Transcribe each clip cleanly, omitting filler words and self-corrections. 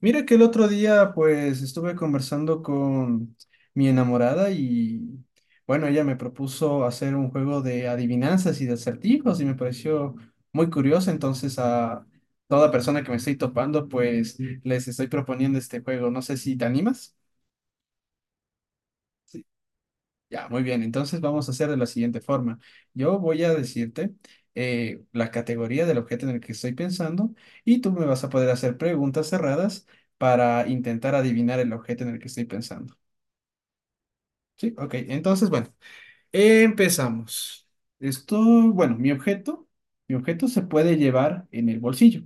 Mira que el otro día pues estuve conversando con mi enamorada y bueno, ella me propuso hacer un juego de adivinanzas y de acertijos y me pareció muy curioso, entonces a toda persona que me estoy topando pues les estoy proponiendo este juego, no sé si te animas. Ya, muy bien. Entonces vamos a hacer de la siguiente forma. Yo voy a decirte la categoría del objeto en el que estoy pensando y tú me vas a poder hacer preguntas cerradas para intentar adivinar el objeto en el que estoy pensando. Sí, ok. Entonces, bueno, empezamos. Esto, bueno, mi objeto se puede llevar en el bolsillo.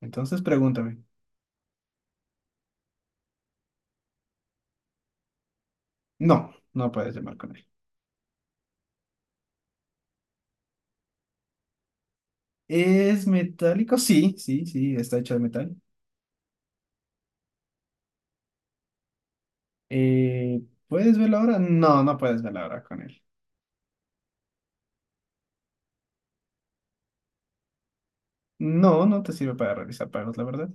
Entonces pregúntame. No, no puedes llevar con él. ¿Es metálico? Sí, sí, sí, está hecho de metal. Eh, ¿Puedes ver la hora? No, no puedes ver la hora con él. No, no te sirve para realizar pagos, la verdad.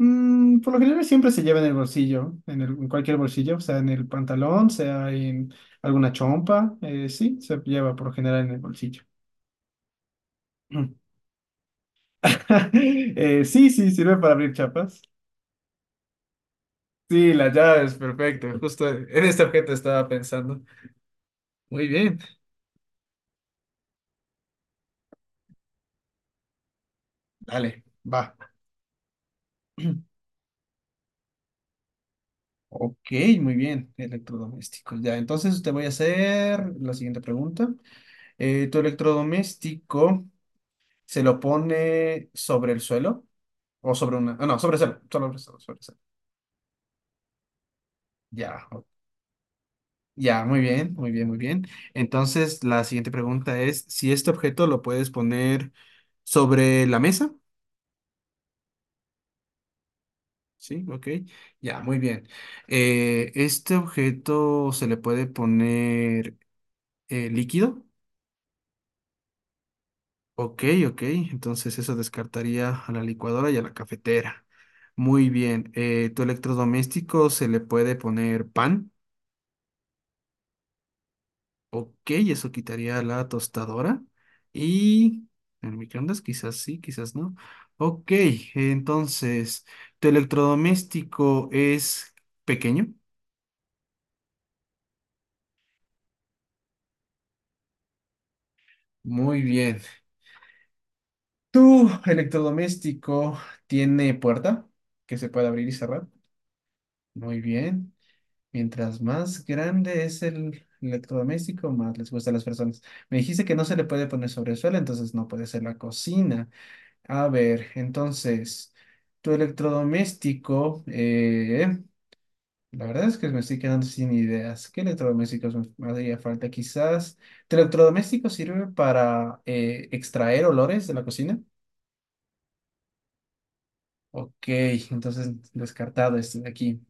Mm, por lo general siempre se lleva en el bolsillo, en en cualquier bolsillo, sea en el pantalón, sea en alguna chompa, sí, se lleva por lo general en el bolsillo. Mm. Sí, sí, sirve para abrir chapas. Sí, la llave es perfecto. Justo en este objeto estaba pensando. Muy bien, dale. Va. Ok, muy bien, electrodomésticos. Ya, entonces te voy a hacer la siguiente pregunta. ¿Tu electrodoméstico se lo pone sobre el suelo o sobre una... ah, no, sobre el suelo, sobre el suelo, sobre el suelo. Ya, ya, muy bien. Entonces la siguiente pregunta es si este objeto lo puedes poner sobre la mesa. Sí, ok. Ya, muy bien. ¿Este objeto se le puede poner líquido? Ok, ok. Entonces eso descartaría a la licuadora y a la cafetera. Muy bien. ¿Tu electrodoméstico se le puede poner pan? Ok, eso quitaría la tostadora. Y el microondas quizás sí, quizás no. Ok, entonces, ¿tu electrodoméstico es pequeño? Muy bien. ¿Tu electrodoméstico tiene puerta que se puede abrir y cerrar? Muy bien. Mientras más grande es el electrodoméstico, más les gusta a las personas. Me dijiste que no se le puede poner sobre el suelo, entonces no puede ser la cocina. A ver, entonces, tu electrodoméstico, la verdad es que me estoy quedando sin ideas. ¿Qué electrodomésticos me haría falta? Quizás, ¿tu electrodoméstico sirve para extraer olores de la cocina? Ok, entonces descartado este de aquí.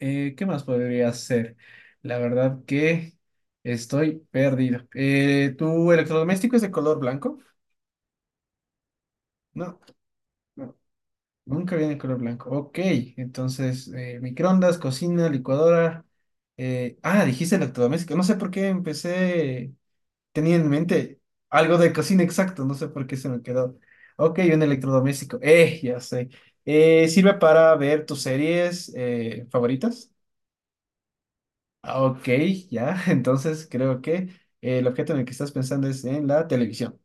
¿Qué más podría hacer? La verdad que estoy perdido. ¿Tu electrodoméstico es de color blanco? No, no, nunca viene en color blanco. Ok, entonces microondas, cocina, licuadora. Dijiste electrodoméstico. No sé por qué empecé, tenía en mente algo de cocina exacto, no sé por qué se me quedó. Ok, un electrodoméstico. Ya sé. ¿Sirve para ver tus series favoritas? Ah, Ok, ya, entonces creo que el objeto en el que estás pensando es en la televisión.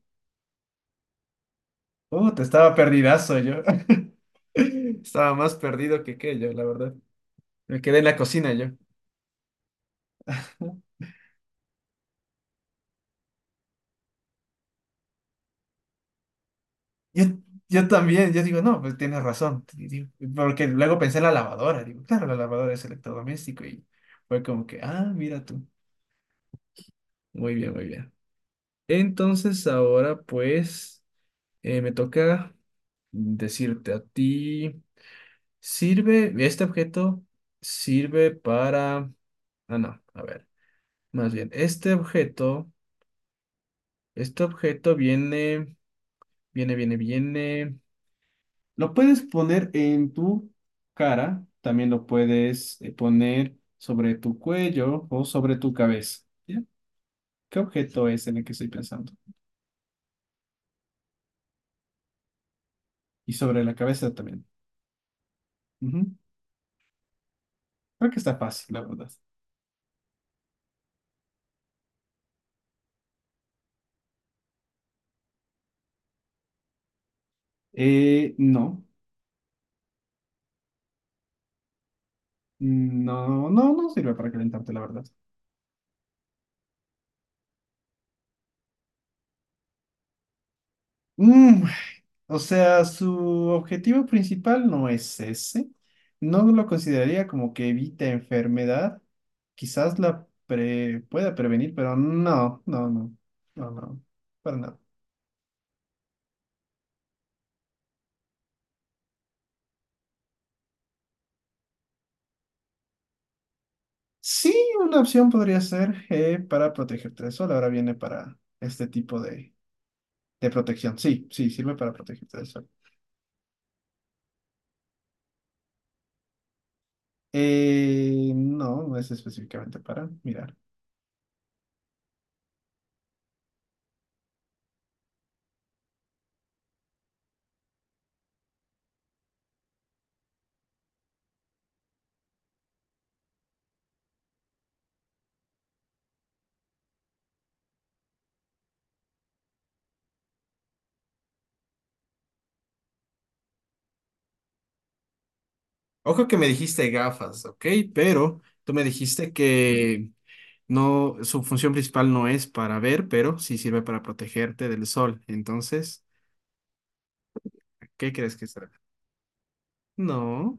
Te estaba perdidazo yo. Estaba más perdido que qué yo, la verdad. Me quedé en la cocina yo. Yo, yo también, yo digo, no, pues tienes razón. Y digo, porque luego pensé en la lavadora. Digo, claro, la lavadora es electrodoméstico y fue como que, ah, mira tú. Muy bien, muy bien. Entonces ahora pues me toca decirte a ti. Sirve, este objeto sirve para... Ah, no, a ver, más bien, este objeto viene... Lo puedes poner en tu cara, también lo puedes poner sobre tu cuello o sobre tu cabeza. ¿Ya? ¿Qué objeto es en el que estoy pensando? Y sobre la cabeza también. Ujú. Creo que está fácil, la verdad. No, no, no, no sirve para calentarte, la verdad. Mm, o sea, su objetivo principal no es ese. No lo consideraría como que evita enfermedad. Quizás pueda prevenir, pero no, no, no, no, no, para nada. Sí, una opción podría ser para protegerte del sol. Ahora viene para este tipo de protección. Sí, sí, sirve para protegerte del sol. No, no es específicamente para mirar. Ojo que me dijiste gafas, ¿ok? Pero tú me dijiste que no, su función principal no es para ver, pero sí sirve para protegerte del sol. Entonces, ¿qué crees que será? No,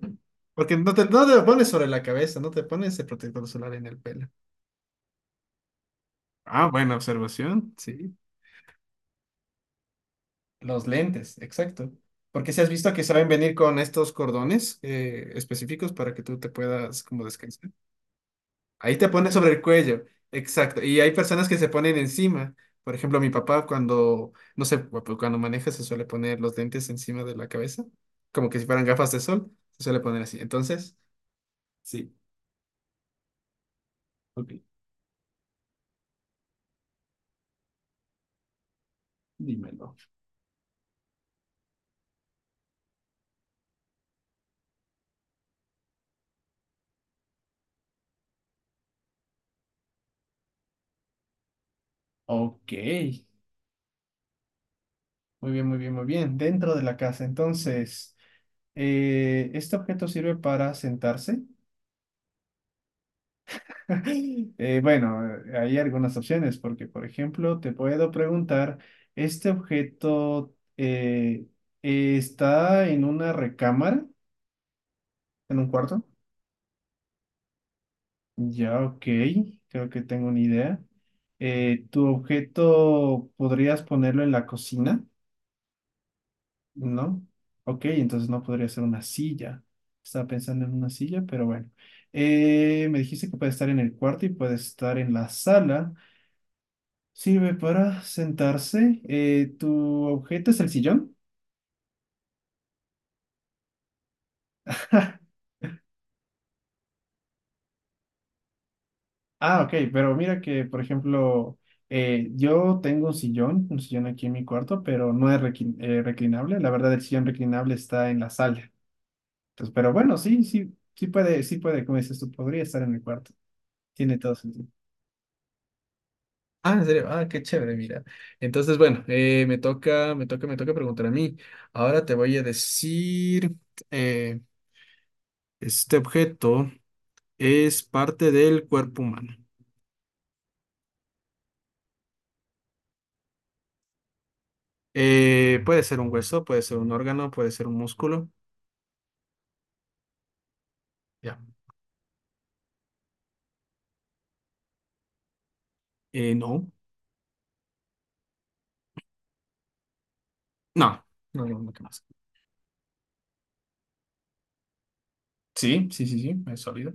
porque no te, no te lo pones sobre la cabeza, no te pones el protector solar en el pelo. Ah, buena observación, sí. Los lentes, exacto. Porque si has visto que saben venir con estos cordones específicos para que tú te puedas como descansar. Ahí te pones sobre el cuello, exacto. Y hay personas que se ponen encima. Por ejemplo, mi papá cuando, no sé, cuando maneja se suele poner los lentes encima de la cabeza, como que si fueran gafas de sol, se suele poner así. Entonces, sí, ok, dímelo. Ok, muy bien. Dentro de la casa, entonces, ¿este objeto sirve para sentarse? Bueno, hay algunas opciones porque, por ejemplo, te puedo preguntar, ¿este objeto está en una recámara, en un cuarto? Ya, ok, creo que tengo una idea. ¿Tu objeto podrías ponerlo en la cocina? ¿No? Ok, entonces no podría ser una silla. Estaba pensando en una silla, pero bueno. Me dijiste que puede estar en el cuarto y puede estar en la sala. Sirve para sentarse. ¿Tu objeto es el sillón? Ah, ok, pero mira que, por ejemplo, yo tengo un sillón aquí en mi cuarto, pero no es reclinable. La verdad, el sillón reclinable está en la sala. Entonces, pero bueno, sí, sí, sí puede, como dices tú, podría estar en mi cuarto. Tiene todo sentido. Ah, en serio, ah, qué chévere, mira. Entonces, bueno, me toca preguntar a mí. Ahora te voy a decir, eh, este objeto. Es parte del cuerpo humano. Puede ser un hueso, puede ser un órgano, puede ser un músculo. Ya. No. No. No, no, no, ¿qué más? Sí, sí, sí, sí, es sólido.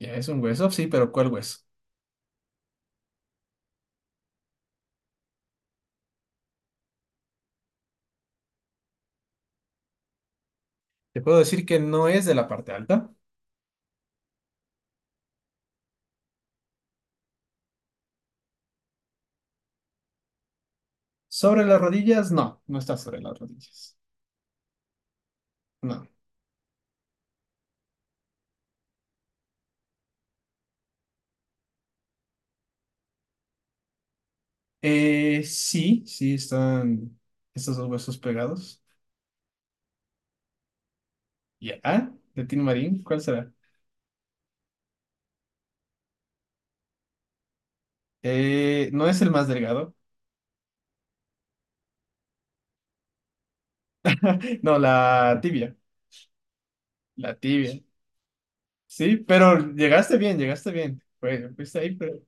Ya es un hueso, sí, pero ¿cuál hueso? Te puedo decir que no es de la parte alta. Sobre las rodillas, no, no está sobre las rodillas. No. Sí, sí están estos dos huesos pegados. Ya. Ah, De Tin Marín, ¿cuál será? No es el más delgado. No, la tibia. La tibia. Sí, pero llegaste bien, llegaste bien. Bueno, fuiste ahí, pero...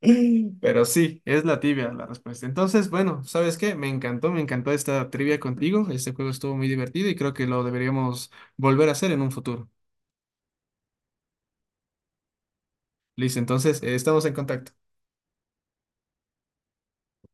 Pero sí, es la tibia la respuesta. Entonces, bueno, ¿sabes qué? Me encantó esta trivia contigo. Este juego estuvo muy divertido y creo que lo deberíamos volver a hacer en un futuro. Listo, entonces, estamos en contacto.